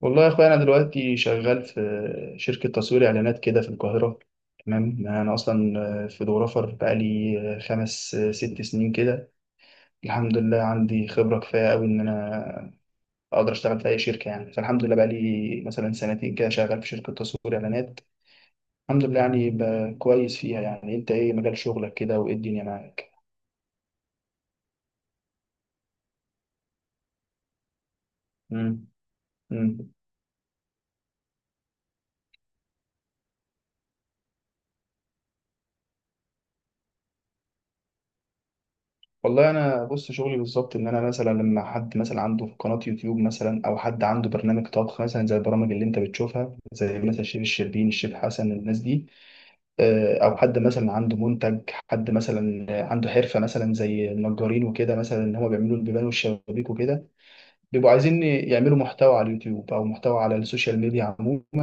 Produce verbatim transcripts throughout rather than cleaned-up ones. والله يا اخويا انا دلوقتي شغال في شركه تصوير اعلانات كده في القاهره. تمام، انا اصلا فوتوغرافر بقالي خمس ست سنين كده. الحمد لله عندي خبره كفايه قوي ان انا اقدر اشتغل في اي شركه يعني، فالحمد لله بقالي مثلا سنتين كده شغال في شركه تصوير اعلانات. الحمد لله يعني ب- كويس فيها. يعني انت ايه مجال شغلك كده؟ وايه الدنيا معاك؟ امم. والله انا بص، شغلي بالظبط ان انا مثلا لما حد مثلا عنده قناه يوتيوب مثلا، او حد عنده برنامج طبخ مثلا، زي البرامج اللي انت بتشوفها، زي مثلا الشيف الشربين، الشيف حسن، الناس دي. آه، او حد مثلا عنده منتج، حد مثلا عنده حرفه مثلا زي النجارين وكده، مثلا ان هم بيعملوا البيبان والشبابيك وكده، بيبقوا عايزين يعملوا محتوى على اليوتيوب او محتوى على السوشيال ميديا عموما.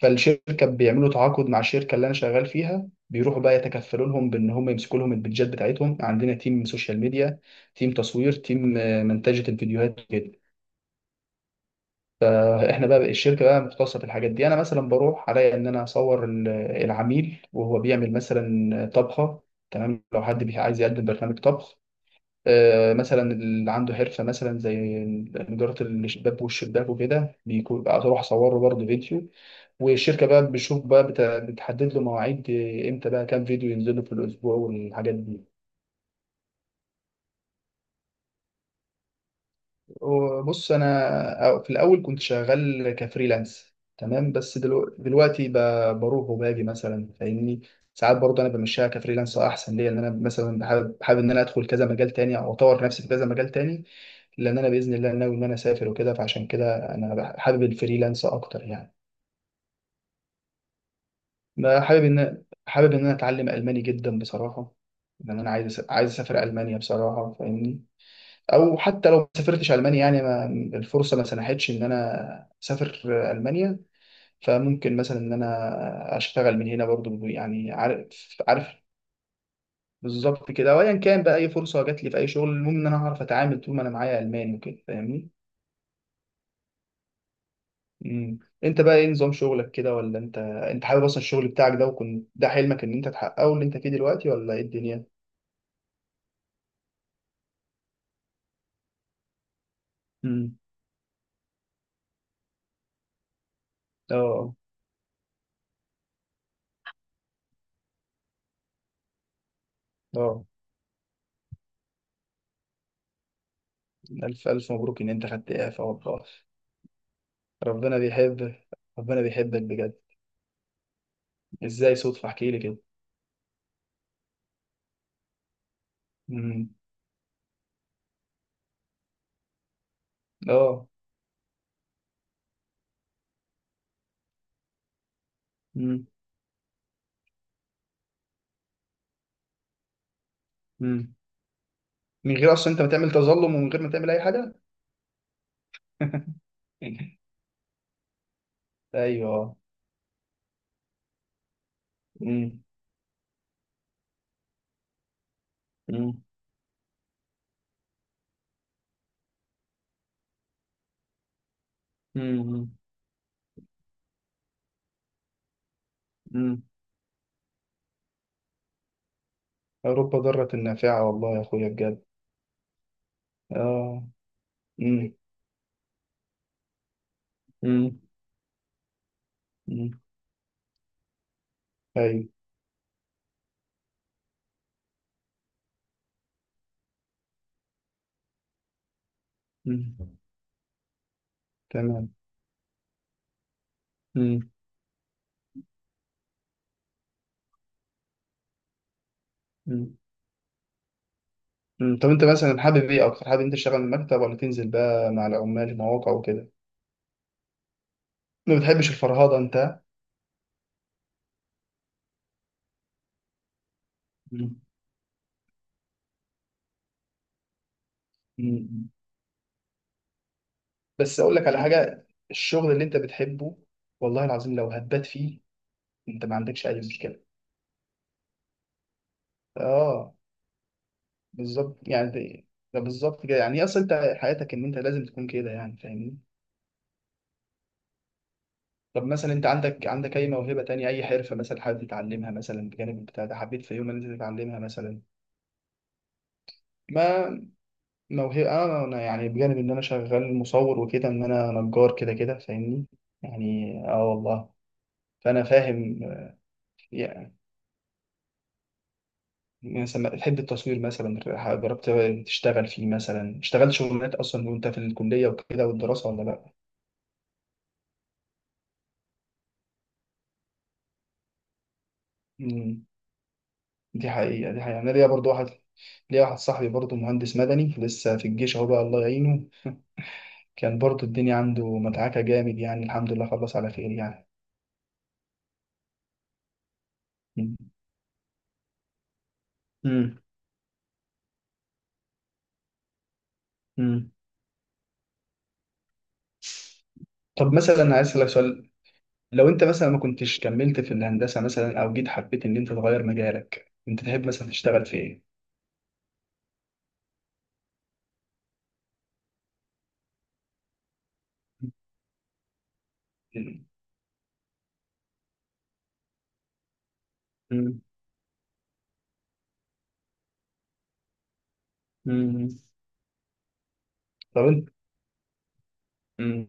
فالشركه بيعملوا تعاقد مع الشركه اللي انا شغال فيها، بيروحوا بقى يتكفلوا لهم بان هم يمسكوا لهم البيدجات بتاعتهم. عندنا تيم سوشيال ميديا، تيم تصوير، تيم آه، منتجه الفيديوهات كده. فاحنا بقى الشركه بقى مختصه في الحاجات دي. انا مثلا بروح عليا ان انا اصور ال- العميل وهو بيعمل مثلا طبخه. تمام، لو حد بي- عايز يقدم برنامج طبخ، آه، مثلا اللي عنده حرفه مثلا زي نجاره الشباك والشباك وكده، بيكون اروح اصوره برضه فيديو. والشركه بقى بتشوف بقى بت- بتحدد له مواعيد، آه، امتى بقى كام فيديو ينزلوا في الاسبوع والحاجات دي. وبص، انا في الاول كنت شغال كفريلانس، تمام، بس دلو- دلوقتي ب- بروح وباجي مثلا، فاهمني؟ ساعات برضه انا بمشيها كفريلانس احسن ليا، لان انا مثلا بحابب حابب ان انا ادخل كذا مجال تاني او اطور نفسي في كذا مجال تاني. لان انا باذن الله ناوي ان انا اسافر وكده، فعشان كده انا بح- حابب الفريلانس اكتر يعني. انا حابب ان حابب ان انا اتعلم الماني جدا بصراحه. لان انا عايز أس- عايز اسافر المانيا بصراحه، فاهمني؟ او حتى لو ما سافرتش المانيا، يعني ما الفرصه ما سنحتش ان انا اسافر المانيا، فممكن مثلا ان انا اشتغل من هنا برضو يعني، عارف عارف؟ بالظبط كده. وايا كان بقى اي فرصه جات لي في اي شغل، المهم ان انا هعرف اتعامل طول ما انا معايا الماني وكده، فاهمني؟ امم. انت بقى ايه نظام شغلك كده؟ ولا انت انت حابب اصلا الشغل بتاعك ده؟ وكنت ده حلمك ان انت تحققه اللي انت فيه دلوقتي، ولا ايه الدنيا؟ اه، اه. ألف ألف مبروك إن أنت خدت إعفاء والله. ربنا بيحب، ربنا بيحبك بجد. إزاي صدفة؟ احكي لي كده. امم. اه. امم. امم. من غير أصلا أنت ما تعمل تظلم، ومن غير ما تعمل أي حاجة. أيوه. امم. امم. امم. امم. أوروبا ضارة نافعة والله يا أخويا بجد. اه. امم. امم. امم. أيوه. امم. تمام. امم. مم. طب انت مثلا حابب ايه اكتر؟ حابب انت تشتغل من المكتب ولا تنزل بقى مع العمال في مواقع وكده؟ ما بتحبش الفرهده انت؟ مم. مم. بس اقول لك على حاجه: الشغل اللي انت بتحبه، والله العظيم لو هتبات فيه، انت ما عندكش اي مشكله. اه. بالظبط يعني، ده ده بالظبط كده يعني، اصلا انت حياتك ان انت لازم تكون كده يعني، فاهمني؟ طب مثلا انت عندك عندك اي موهبه تانية، اي حرفه مثلا حابب تتعلمها مثلا بجانب بتاع ده؟ حبيت في يوم ان انت تتعلمها مثلا؟ ما موهبة. آه، أنا أنا يعني بجانب إن أنا شغال مصور وكده، إن أنا نجار كده كده، فاهمني؟ يعني آه، والله. فأنا فاهم. يعني مثلا بتحب التصوير مثلا؟ جربت تشتغل فيه مثلا؟ اشتغلت شغلانات أصلا وأنت في الكلية وكده والدراسة ولا لأ؟ مم. دي حقيقة، دي حقيقة. أنا ليا برضو واحد، ليا واحد صاحبي برضو مهندس مدني لسه في الجيش أهو بقى، الله يعينه. كان برضو الدنيا عنده مدعكة جامد يعني، الحمد لله خلص على خير يعني. مم. مم. مم. طب مثلا عايز اسالك سؤال: لو انت مثلا ما كنتش كملت في الهندسه مثلا، او جيت حبيت ان انت تغير مجالك، انت تحب مثلا تشتغل في ايه؟ مم. مم. مم. طب انت، مم،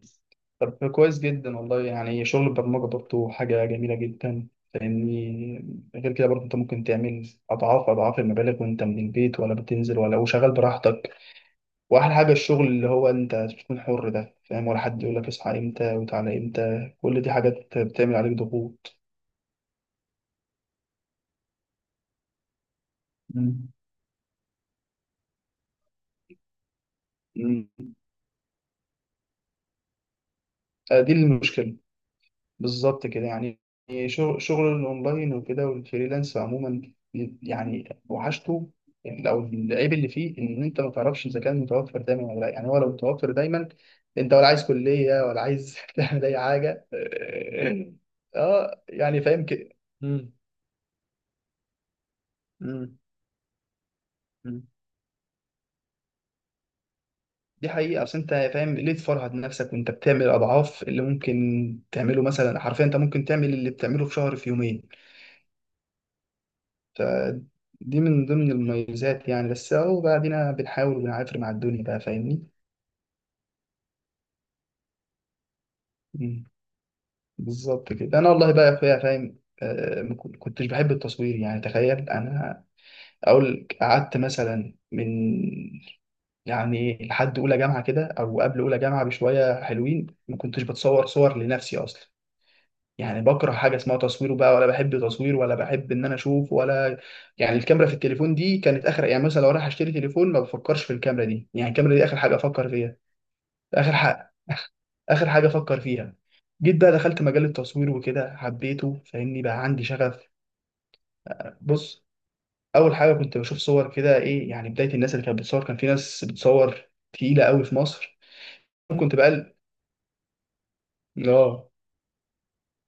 طب كويس جدا والله. يعني شغل البرمجه برضه حاجه جميله جدا، لاني غير كده برضه انت ممكن تعمل اضعاف اضعاف المبالغ وانت من البيت، ولا بتنزل ولا، وشغال براحتك. واحلى حاجه الشغل اللي هو انت بتكون حر ده، فاهم؟ ولا حد يقول لك اصحى امتى وتعالى امتى، كل دي حاجات بتعمل عليك ضغوط. مم. مم. آه، دي المشكله. بالظبط كده يعني. شغل، شغل الاونلاين وكده والفريلانس عموما يعني، وحشته او العيب اللي فيه ان انت ما تعرفش اذا كان متوفر دايما ولا لا. يعني هو لو متوفر دايما، انت ولا عايز كليه ولا عايز تعمل اي حاجه، اه. آه، يعني فاهم كده. مم. مم. مم. دي حقيقة. أصل أنت فاهم ليه تفرهد نفسك وأنت بتعمل أضعاف اللي ممكن تعمله مثلا؟ حرفيا أنت ممكن تعمل اللي بتعمله في شهر في يومين. فدي من ضمن المميزات يعني. بس اهو، بعدين بنحاول وبنعافر مع الدنيا بقى، فاهمني؟ مم. بالظبط كده. انا والله بقى يا اخويا فاهم، آه، ما كن- كنتش بحب التصوير يعني. تخيل انا اقول قعدت مثلا من، يعني لحد اولى جامعه كده او قبل اولى جامعه بشويه حلوين، ما كنتش بتصور صور لنفسي اصلا. يعني بكره حاجه اسمها تصوير بقى، ولا بحب تصوير، ولا بحب ان انا اشوف ولا. يعني الكاميرا في التليفون دي كانت اخر، يعني مثلا لو رايح اشتري تليفون ما بفكرش في الكاميرا دي، يعني الكاميرا دي اخر حاجه افكر فيها. اخر حاجه، اخر حاجه افكر فيها. جيت بقى دخلت مجال التصوير وكده حبيته، فاهمني؟ بقى عندي شغف. بص، اول حاجه كنت بشوف صور كده، ايه يعني بدايه الناس اللي كانت بتصور، كان في ناس بتصور تقيله قوي في مصر. كنت بقى، اه.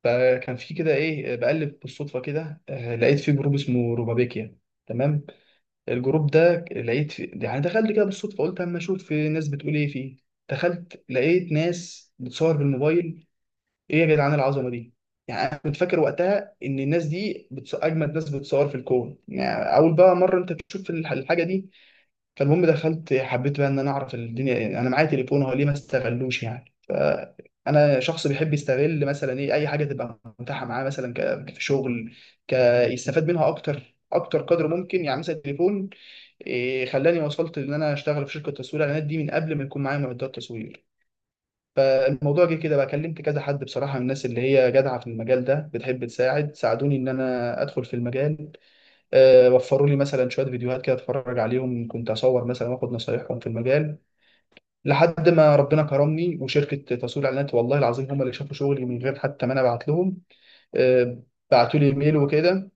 فكان في كده ايه، بقلب بالصدفه كده، آه، لقيت في جروب اسمه روبابيكيا. تمام. الجروب ده لقيت في، يعني دخلت كده بالصدفه، قلت اما اشوف في ناس بتقول ايه فيه. دخلت لقيت ناس بتصور بالموبايل. ايه يا جدعان العظمه دي! يعني انا كنت فاكر وقتها ان الناس دي بتص... اجمد ناس بتصور في الكون يعني، اول بقى مره انت تشوف الح- الحاجه دي. فالمهم دخلت، حبيت بقى ان انا اعرف الدنيا، يعني انا معايا تليفون هو ليه ما استغلوش يعني. فانا شخص بيحب يستغل مثلا ايه، اي حاجه تبقى متاحه معاه مثلا ك- كشغل، ك يستفاد منها اكتر اكتر قدر ممكن يعني. مثلا التليفون إيه خلاني وصلت ان انا اشتغل في شركه تصوير اعلانات دي من قبل ما يكون معايا معدات تصوير. فالموضوع جه كده بقى، كلمت كذا حد بصراحه من الناس اللي هي جدعه في المجال ده بتحب تساعد، ساعدوني ان انا ادخل في المجال. آه، وفروا لي مثلا شويه فيديوهات كده اتفرج عليهم، كنت اصور مثلا واخد نصايحهم في المجال. لحد ما ربنا كرمني وشركه تسويق الاعلانات والله العظيم هم اللي شافوا شغلي من غير حتى ما انا ابعت لهم. آه، بعتوا لي ايميل وكده.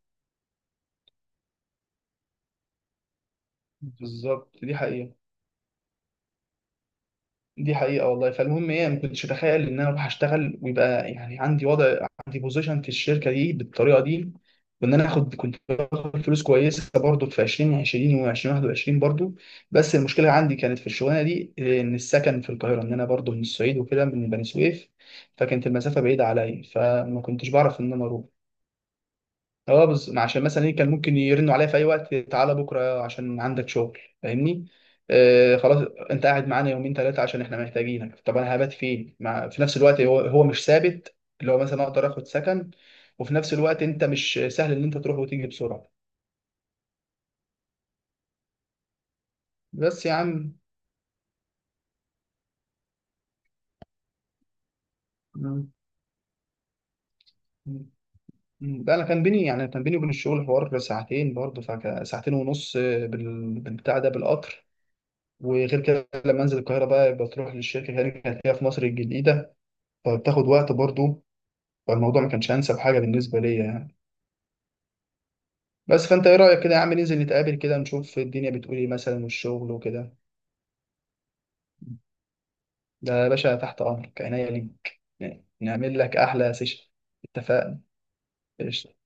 بالظبط، دي حقيقه، دي حقيقة والله. فالمهم ايه، ما كنتش اتخيل ان انا اروح اشتغل ويبقى يعني عندي وضع، عندي بوزيشن في الشركة دي بالطريقة دي. وان انا اخد، كنت باخد فلوس كويسة برضو في ألفين وعشرين و2021 برضو. بس المشكلة عندي كانت في الشغلانة دي إيه، ان السكن في القاهرة، ان انا برضو من الصعيد وكده، من بني سويف، فكانت المسافة بعيدة عليا، فما كنتش بعرف ان انا اروح. اه، بس عشان مثلا ايه كان ممكن يرنوا عليا في اي وقت: تعالى بكره عشان عندك شغل، فاهمني؟ آه خلاص، انت قاعد معانا يومين ثلاثه عشان احنا محتاجينك. طب انا هبات فين؟ مع في نفس الوقت هو هو مش ثابت اللي هو مثلا اقدر اخد سكن، وفي نفس الوقت انت مش سهل ان انت تروح وتيجي بسرعه. بس يا عم، م- م- ده انا كان بيني، يعني كان بيني وبين الشغل حوار ساعتين برضه، فك- ساعتين ونص بال- بالبتاع ده بالقطر. وغير كده لما انزل القاهره بقى، بتروح للشركه، هنا كانت هي في مصر الجديده، فبتاخد وقت برضه. فالموضوع ما كانش انسب حاجه بالنسبه ليا يعني. بس، فانت ايه رايك كده يا عم ننزل نتقابل كده نشوف الدنيا بتقول ايه مثلا والشغل وكده؟ ده يا باشا تحت امرك، عينيا ليك يعني، نعمل لك احلى سيشن. اتفقنا. قشطة.